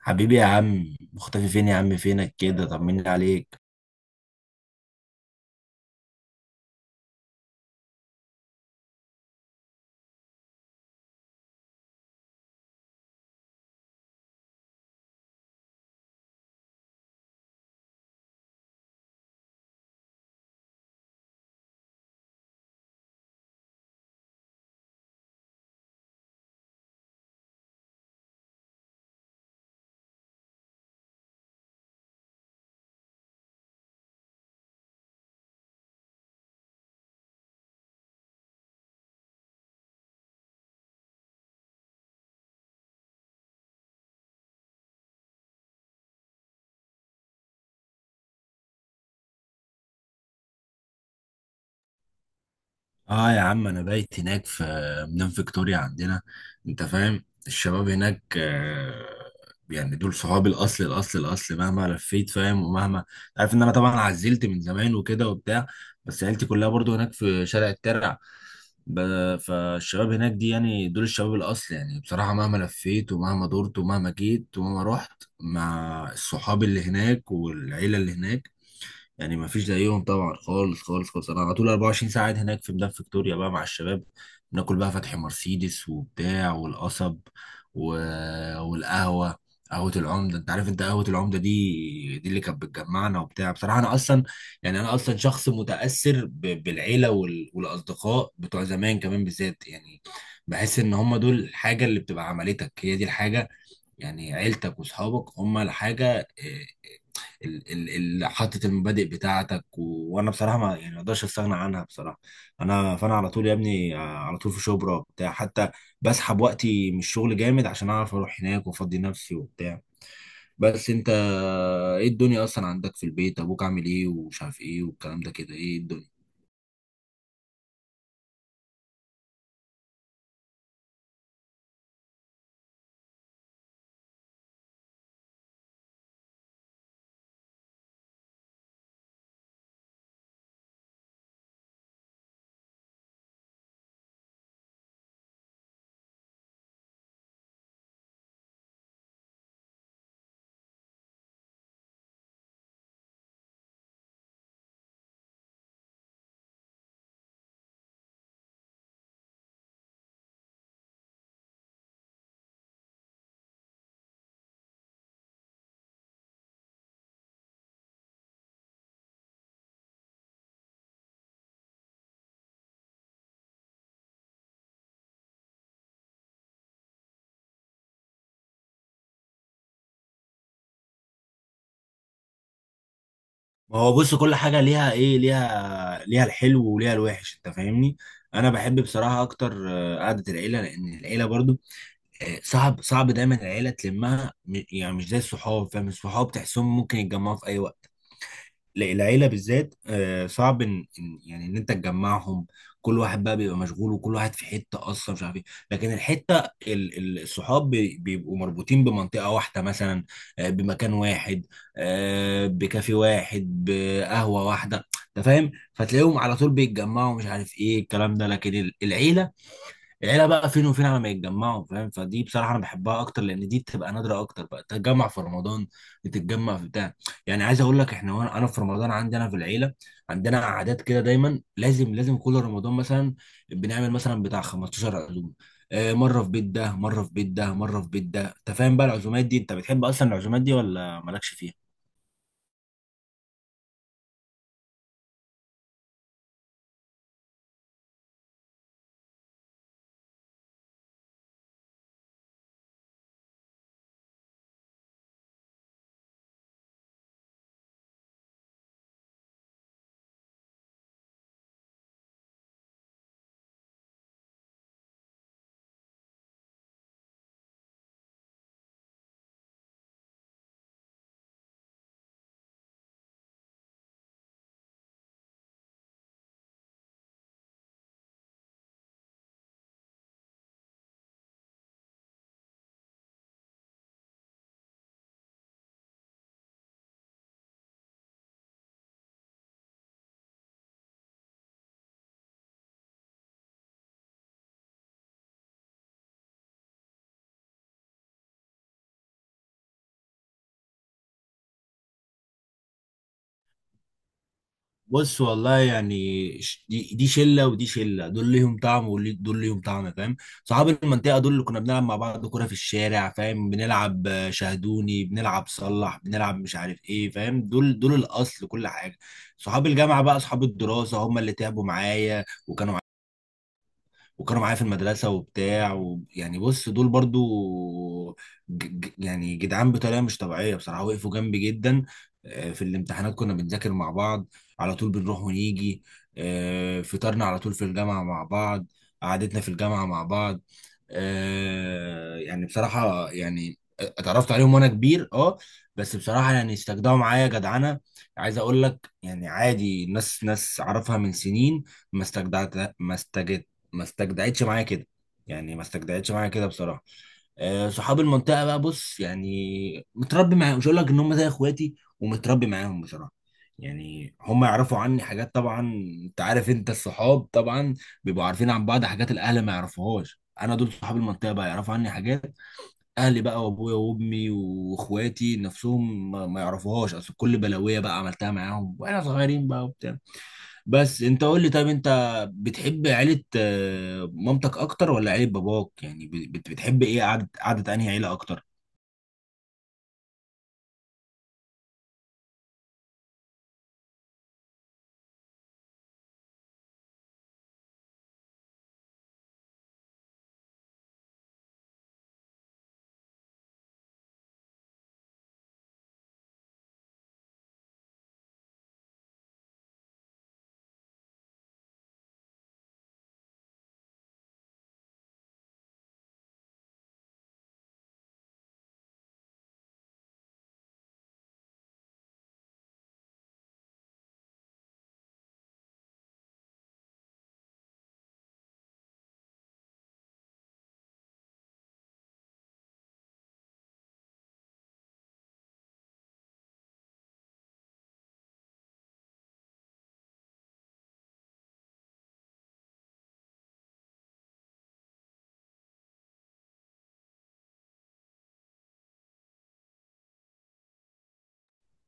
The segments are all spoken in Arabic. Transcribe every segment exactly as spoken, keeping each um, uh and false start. حبيبي يا عم، مختفي فين يا عم؟ فينك كده؟ طمني عليك. اه يا عم، انا بايت هناك في مدينة فيكتوريا عندنا. انت فاهم الشباب هناك؟ آه، يعني دول صحابي الاصل الاصل الاصل مهما لفيت فاهم، ومهما عارف ان انا طبعا عزلت من زمان وكده وبتاع. بس عيلتي كلها برضو هناك في شارع الترع. ب- فالشباب هناك دي، يعني دول الشباب الاصل. يعني بصراحة مهما لفيت ومهما دورت ومهما جيت ومهما رحت مع الصحاب اللي هناك والعيلة اللي هناك، يعني ما فيش زيهم طبعا، خالص خالص خالص. انا على طول اربعة وعشرين ساعه قاعد هناك في ميدان فيكتوريا بقى مع الشباب. بناكل بقى فتحي مرسيدس وبتاع والقصب و... والقهوه. قهوه العمده، انت عارف انت قهوه العمده دي دي اللي كانت بتجمعنا وبتاع. بصراحه انا اصلا، يعني انا اصلا شخص متاثر ب... بالعيله وال... والاصدقاء بتوع زمان كمان بالذات، يعني بحس ان هم دول الحاجه اللي بتبقى عملتك، هي دي الحاجه. يعني عيلتك واصحابك هم الحاجه آه، ال- ال- اللي حاطط المبادئ بتاعتك. و... وانا بصراحه ما يعني ما اقدرش استغنى عنها بصراحه. انا فانا على طول يا ابني، آه، على طول في شبرا وبتاع. حتى بسحب وقتي من الشغل جامد عشان اعرف اروح هناك وافضي نفسي وبتاع. بس انت، آه، ايه الدنيا اصلا؟ عندك في البيت ابوك عامل ايه ومش عارف ايه والكلام ده كده؟ ايه الدنيا؟ ما هو بص، كل حاجه ليها ايه، ليها، ليها الحلو وليها الوحش، انت فاهمني. انا بحب بصراحه اكتر آه، قعده العيله، لان العيله برضو آه، صعب صعب دايما العيله تلمها. م- يعني مش زي الصحاب، فاهم؟ الصحاب تحسهم ممكن يتجمعوا في اي وقت. لا العيله بالذات آه، صعب ان إن- يعني ان انت تجمعهم. كل واحد بقى بيبقى مشغول وكل واحد في حته، اصلا مش عارف ايه. لكن الحته ال- ال- الصحاب بي- بيبقوا مربوطين بمنطقه واحده مثلا، آه، بمكان واحد، آه، بكافي واحد، بقهوه واحده، انت فاهم. فتلاقيهم على طول بيتجمعوا، مش عارف ايه الكلام ده. لكن ال- العيله، العيله بقى فين وفين على ما يتجمعوا، فاهم؟ فدي بصراحه انا بحبها اكتر، لان دي بتبقى نادره اكتر بقى. تتجمع في رمضان، بتتجمع في بتاع. يعني عايز اقول لك احنا، وانا انا في رمضان عندنا في العيله عندنا عادات كده، دايما لازم لازم كل رمضان مثلا بنعمل مثلا بتاع خمسة عشر عزومه. آه، مره في بيت ده، مره في بيت ده، مره في بيت ده، انت فاهم بقى. العزومات دي انت بتحب اصلا العزومات دي ولا مالكش فيها؟ بص والله، يعني ش- دي دي شله ودي شله. دول ليهم طعم ودول ليهم طعم، فاهم. صحاب المنطقه دول اللي كنا بنلعب مع بعض كوره في الشارع، فاهم، بنلعب آه، شاهدوني، بنلعب صلح، بنلعب مش عارف ايه، فاهم. دول دول الاصل، كل حاجه. صحاب الجامعه بقى، صحاب الدراسه، هم اللي تعبوا معايا وكانوا وكانوا معايا في المدرسة وبتاع. ويعني بص، دول برضو ج... ج- يعني جدعان بطريقة مش طبيعية بصراحة، وقفوا جنبي جدا. آه، في الامتحانات كنا بنذاكر مع بعض، على طول بنروح ونيجي، آه، فطرنا على طول في الجامعة مع بعض، قعدتنا في الجامعة مع بعض. آه، يعني بصراحة يعني اتعرفت عليهم وانا كبير، اه، بس بصراحة يعني استجدعوا معايا جدعنة. عايز اقول لك يعني، عادي، ناس ناس اعرفها من سنين ما استجدعت، ما استجدعتهاش، ما استجدعتش معايا كده. يعني ما استجدعتش معايا كده بصراحه. آه، صحاب المنطقه بقى، بص، يعني متربي معاهم، مش هقول لك ان هم زي اخواتي ومتربي معاهم بصراحه. يعني هم يعرفوا عني حاجات طبعا، انت عارف انت الصحاب طبعا بيبقوا عارفين عن بعض حاجات الاهل ما يعرفوهاش. انا دول صحاب المنطقه بقى يعرفوا عني حاجات اهلي بقى وابويا وامي واخواتي نفسهم ما ما يعرفوهاش، اصل كل بلاويه بقى عملتها معاهم واحنا صغيرين بقى وبتاع. بس انت قول لي، طيب انت بتحب عيلة آه، مامتك اكتر ولا عيلة باباك؟ يعني بت- بتحب ايه، قعدة، قعدة انهي عيلة اكتر؟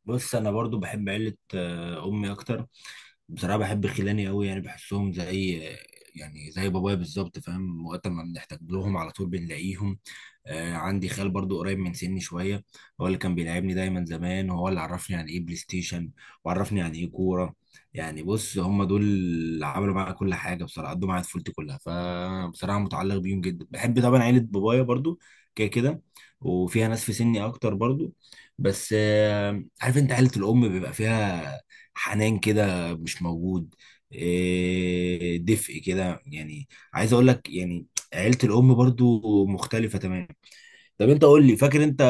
بص، انا برضو بحب عيلة آه، امي اكتر بصراحة، بحب خلاني قوي، يعني بحسهم زي، يعني زي بابايا بالظبط، فاهم. وقت ما بنحتاج لهم على طول بنلاقيهم. آه، عندي خال برضو قريب من سني شوية، هو اللي كان بيلعبني دايما زمان، وهو اللي عرفني يعني ايه بلاي ستيشن، وعرفني يعني ايه كورة. يعني بص، هم دول اللي عملوا معايا كل حاجة بصراحة، قضوا معايا طفولتي كلها. فبصراحة متعلق بيهم جدا. بحب طبعا عيلة بابايا برضو كده كده، وفيها ناس في سني اكتر برضو، بس آه، عارف، انت عيلة الام بيبقى فيها حنان كده مش موجود، إيه، دفء كده، يعني عايز اقول لك، يعني عيلة الام برضو مختلفة تماما. طب انت قول لي، فاكر انت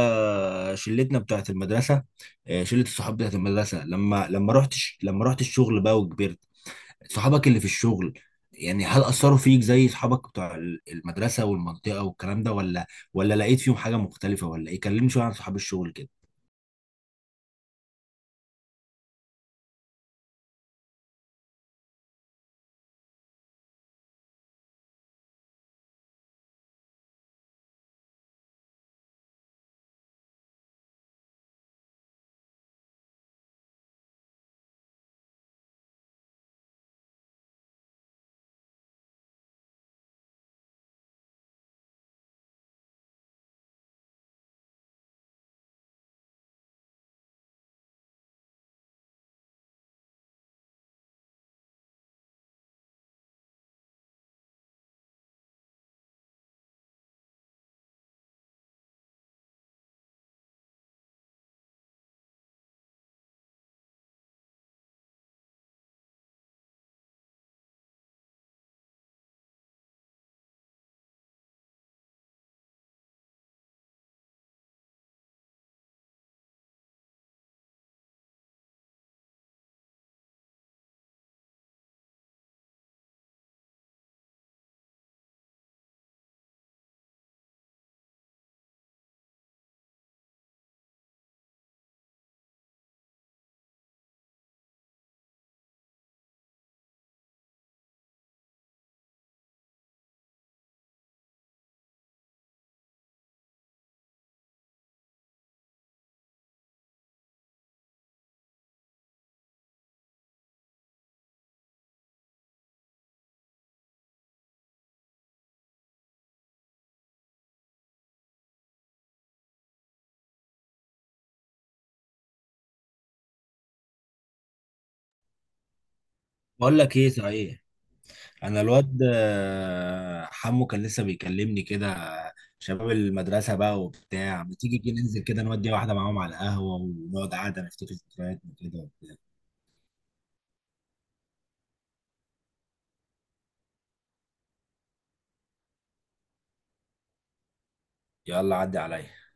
شلتنا بتاعت المدرسة، آه، شلة الصحاب بتاعت المدرسة؟ لما لما رحت ش- لما رحت الشغل بقى وكبرت، صحابك اللي في الشغل، يعني هل أثروا فيك زي صحابك بتوع ال- المدرسة والمنطقة والكلام ده؟ ولا ولا لقيت فيهم حاجة مختلفة، ولا ايه؟ كلمني شوية عن صحاب الشغل كده. بقول لك ايه، صحيح، انا الواد آه، حمو كان لسه بيكلمني كده، شباب المدرسه بقى وبتاع، ما تيجي كده ننزل كده، نودي واحده معاهم على القهوه ونقعد قعده نفتكر ذكرياتنا كده وبتاع. يلا عدي عليا.